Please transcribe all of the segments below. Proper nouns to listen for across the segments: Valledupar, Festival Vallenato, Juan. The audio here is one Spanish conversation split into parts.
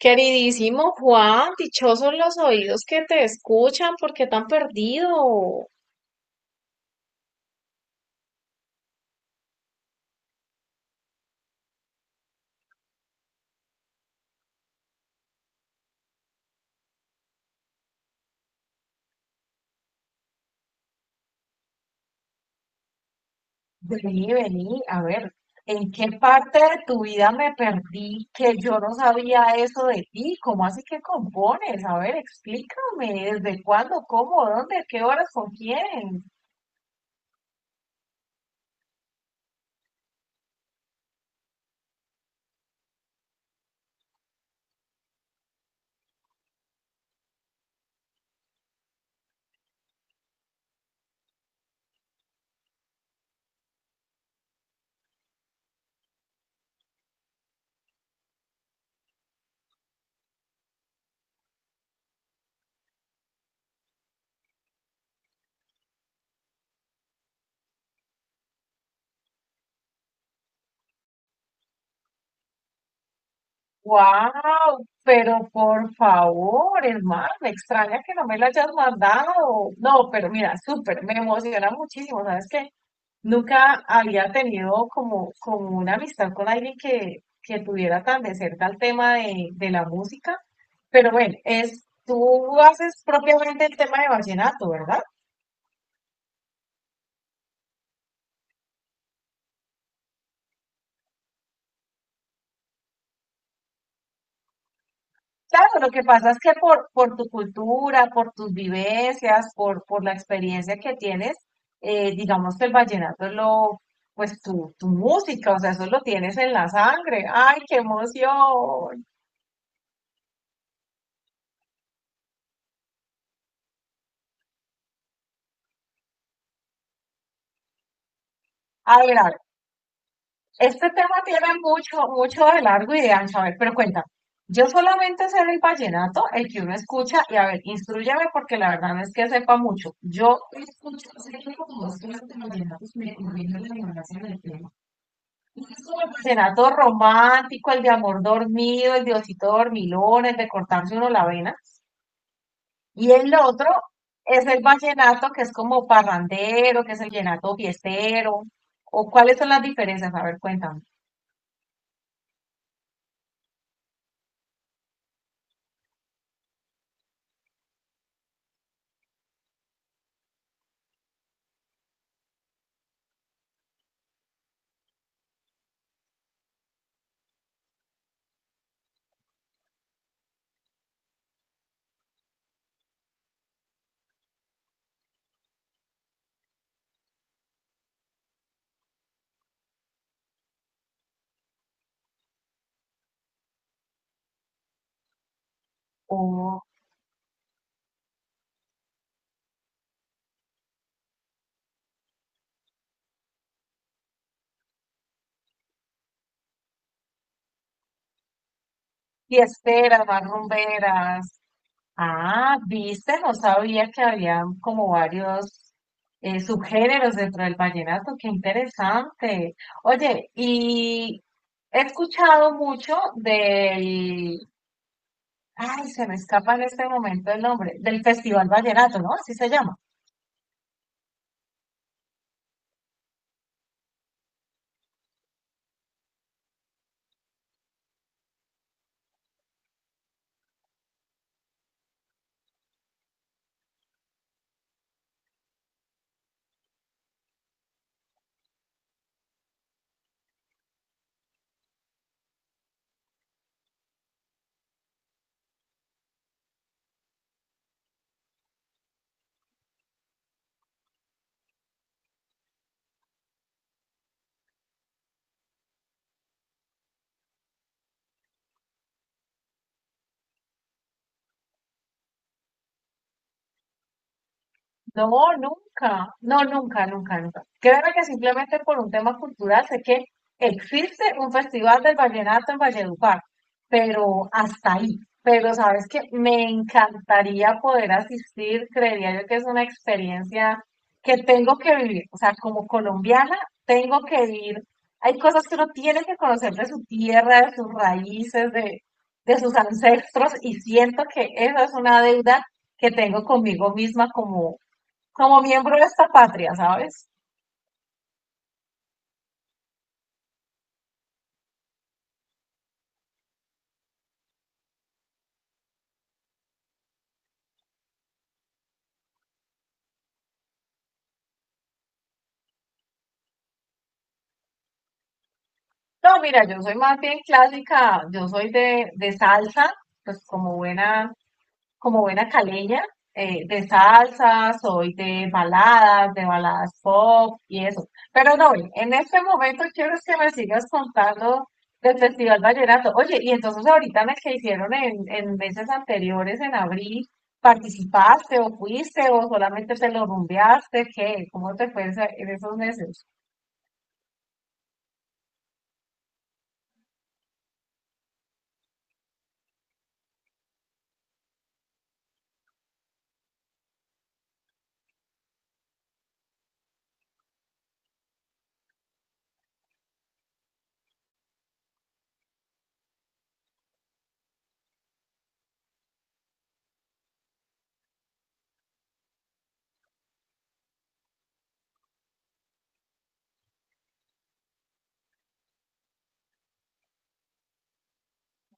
Queridísimo Juan, dichosos los oídos que te escuchan, ¿por qué tan perdido? Vení, a ver, ¿en qué parte de tu vida me perdí que yo no sabía eso de ti? ¿Cómo así que compones? A ver, explícame, ¿desde cuándo, cómo, dónde, a qué horas, con quién? ¡Wow! Pero por favor, hermano, me extraña que no me lo hayas mandado. No, pero mira, súper, me emociona muchísimo, ¿sabes qué? Nunca había tenido como una amistad con alguien que tuviera tan de cerca el tema de la música. Pero bueno, es, tú haces propiamente el tema de vallenato, ¿verdad? Claro, lo que pasa es que por tu cultura, por tus vivencias, por la experiencia que tienes, digamos que el vallenato es lo, pues tu música, o sea, eso lo tienes en la sangre. ¡Ay, qué emoción! A ver, ver, este tema tiene mucho de largo y de ancho. A ver, pero cuenta. Yo solamente sé el vallenato, el que uno escucha, y a ver, instrúyame porque la verdad no es que sepa mucho. Yo escucho, sé que como dos clases de vallenatos me conviene la ignorancia del tema. Uno es como el vallenato romántico, el de amor dormido, el de osito dormilón, el de cortarse uno la vena. Y el otro es el vallenato que es como parrandero, que es el vallenato fiestero. ¿O cuáles son las diferencias? A ver, cuéntame. Fiesteras, rumberas. Ah, viste, no sabía que había como varios subgéneros dentro del vallenato, qué interesante. Oye, y he escuchado mucho del, ay, se me escapa en este momento el nombre, del Festival Vallenato, ¿no? Así se llama. No, nunca, no, nunca, nunca, nunca. Créeme que simplemente por un tema cultural sé que existe un festival del vallenato en Valledupar, pero hasta ahí. Pero sabes que me encantaría poder asistir, creería yo que es una experiencia que tengo que vivir. O sea, como colombiana, tengo que ir. Hay cosas que uno tiene que conocer de su tierra, de sus raíces, de sus ancestros, y siento que esa es una deuda que tengo conmigo misma como como miembro de esta patria, ¿sabes? No, mira, yo soy más bien clásica, yo soy de salsa, pues como buena caleña, de salsa, soy de baladas pop y eso. Pero no, en este momento quiero es que me sigas contando del Festival Vallenato. Oye, y entonces ahorita en el que hicieron en meses anteriores, en abril, ¿participaste o fuiste o solamente te lo rumbeaste? ¿Qué? ¿Cómo te fue esa- en esos meses?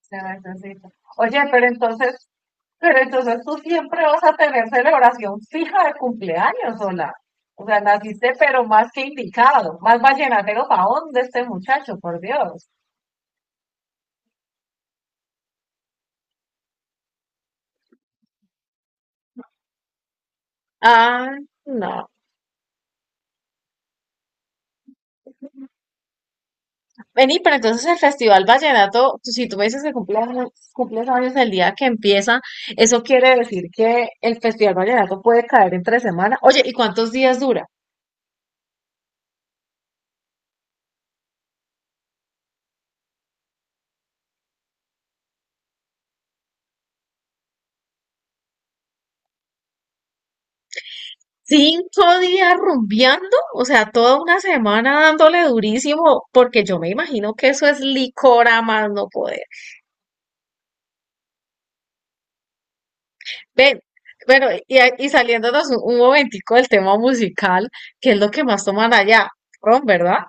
Se necesita. Oye, pero entonces tú siempre vas a tener celebración fija de cumpleaños, sola. O sea, naciste pero más que indicado, más vallenatero paón de este muchacho, por Dios. Ah, no. Vení, pero entonces el Festival Vallenato, tú- si tú me dices que cumple años- cumples años el día que empieza, eso quiere decir que el Festival Vallenato puede caer entre semana. Oye, ¿y cuántos días dura? Cinco días rumbeando, o sea, toda una semana dándole durísimo, porque yo me imagino que eso es licor a más no poder. Ven, bueno, y, a- y saliéndonos un momentico del tema musical, ¿qué es lo que más toman allá? Ron, ¿verdad?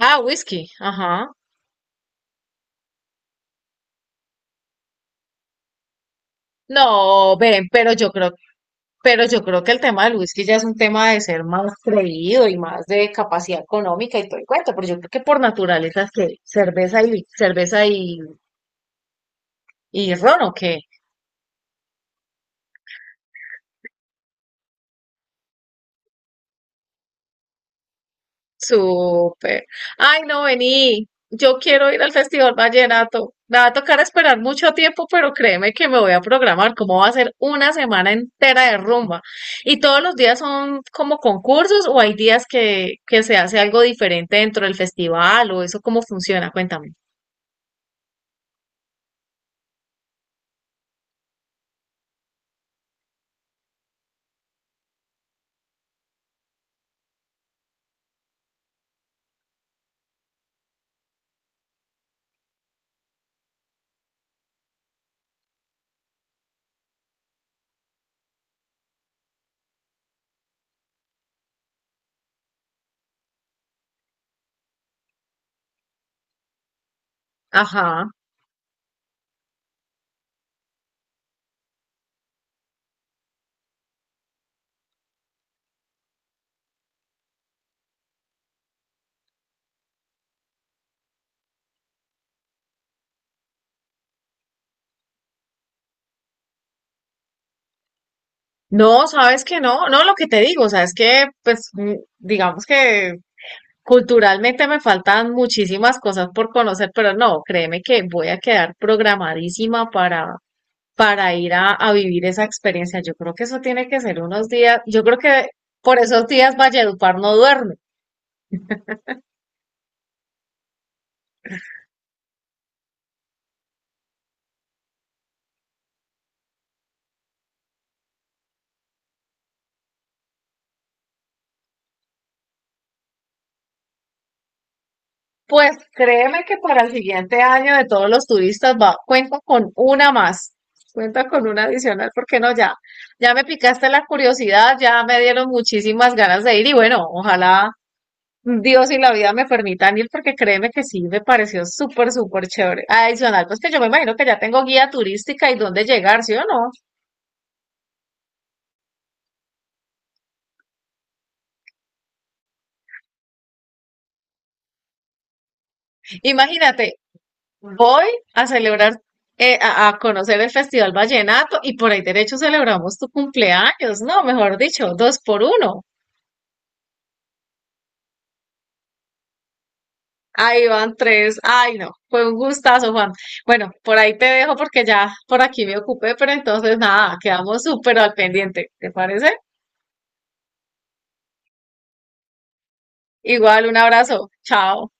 Ah, whisky, ajá. No, ven, pero yo creo que el tema del whisky ya es un tema de ser más creído y más de capacidad económica y todo el cuento, pero yo creo que por naturaleza es que cerveza y cerveza y ron, ¿o qué? Súper. Ay, no, vení. Yo quiero ir al Festival Vallenato. Me va a tocar esperar mucho tiempo, pero créeme que me voy a programar. Como va a ser una semana entera de rumba? ¿Y todos los días son como concursos o hay días que se hace algo diferente dentro del festival o eso cómo funciona? Cuéntame. Ajá. No, sabes que no, no, lo que te digo, o sea, es que, pues, mm, digamos que culturalmente me faltan muchísimas cosas por conocer, pero no, créeme que voy a quedar programadísima para ir a vivir esa experiencia. Yo creo que eso tiene que ser unos días, yo creo que por esos días Valledupar no duerme. Pues créeme que para el siguiente año de todos los turistas va, cuenta con una más, cuenta con una adicional, porque no, ya, ya me picaste la curiosidad, ya me dieron muchísimas ganas de ir y bueno, ojalá Dios y la vida me permitan ir porque créeme que sí, me pareció súper, súper chévere. Adicional, pues que yo me imagino que ya tengo guía turística y dónde llegar, ¿sí o no? Imagínate, voy a celebrar, a conocer el Festival Vallenato y por ahí derecho celebramos tu cumpleaños, ¿no? Mejor dicho, dos por uno. Ahí van tres. Ay, no, fue un gustazo, Juan. Bueno, por ahí te dejo porque ya por aquí me ocupé, pero entonces nada, quedamos súper al pendiente, ¿te parece? Igual, un abrazo. Chao.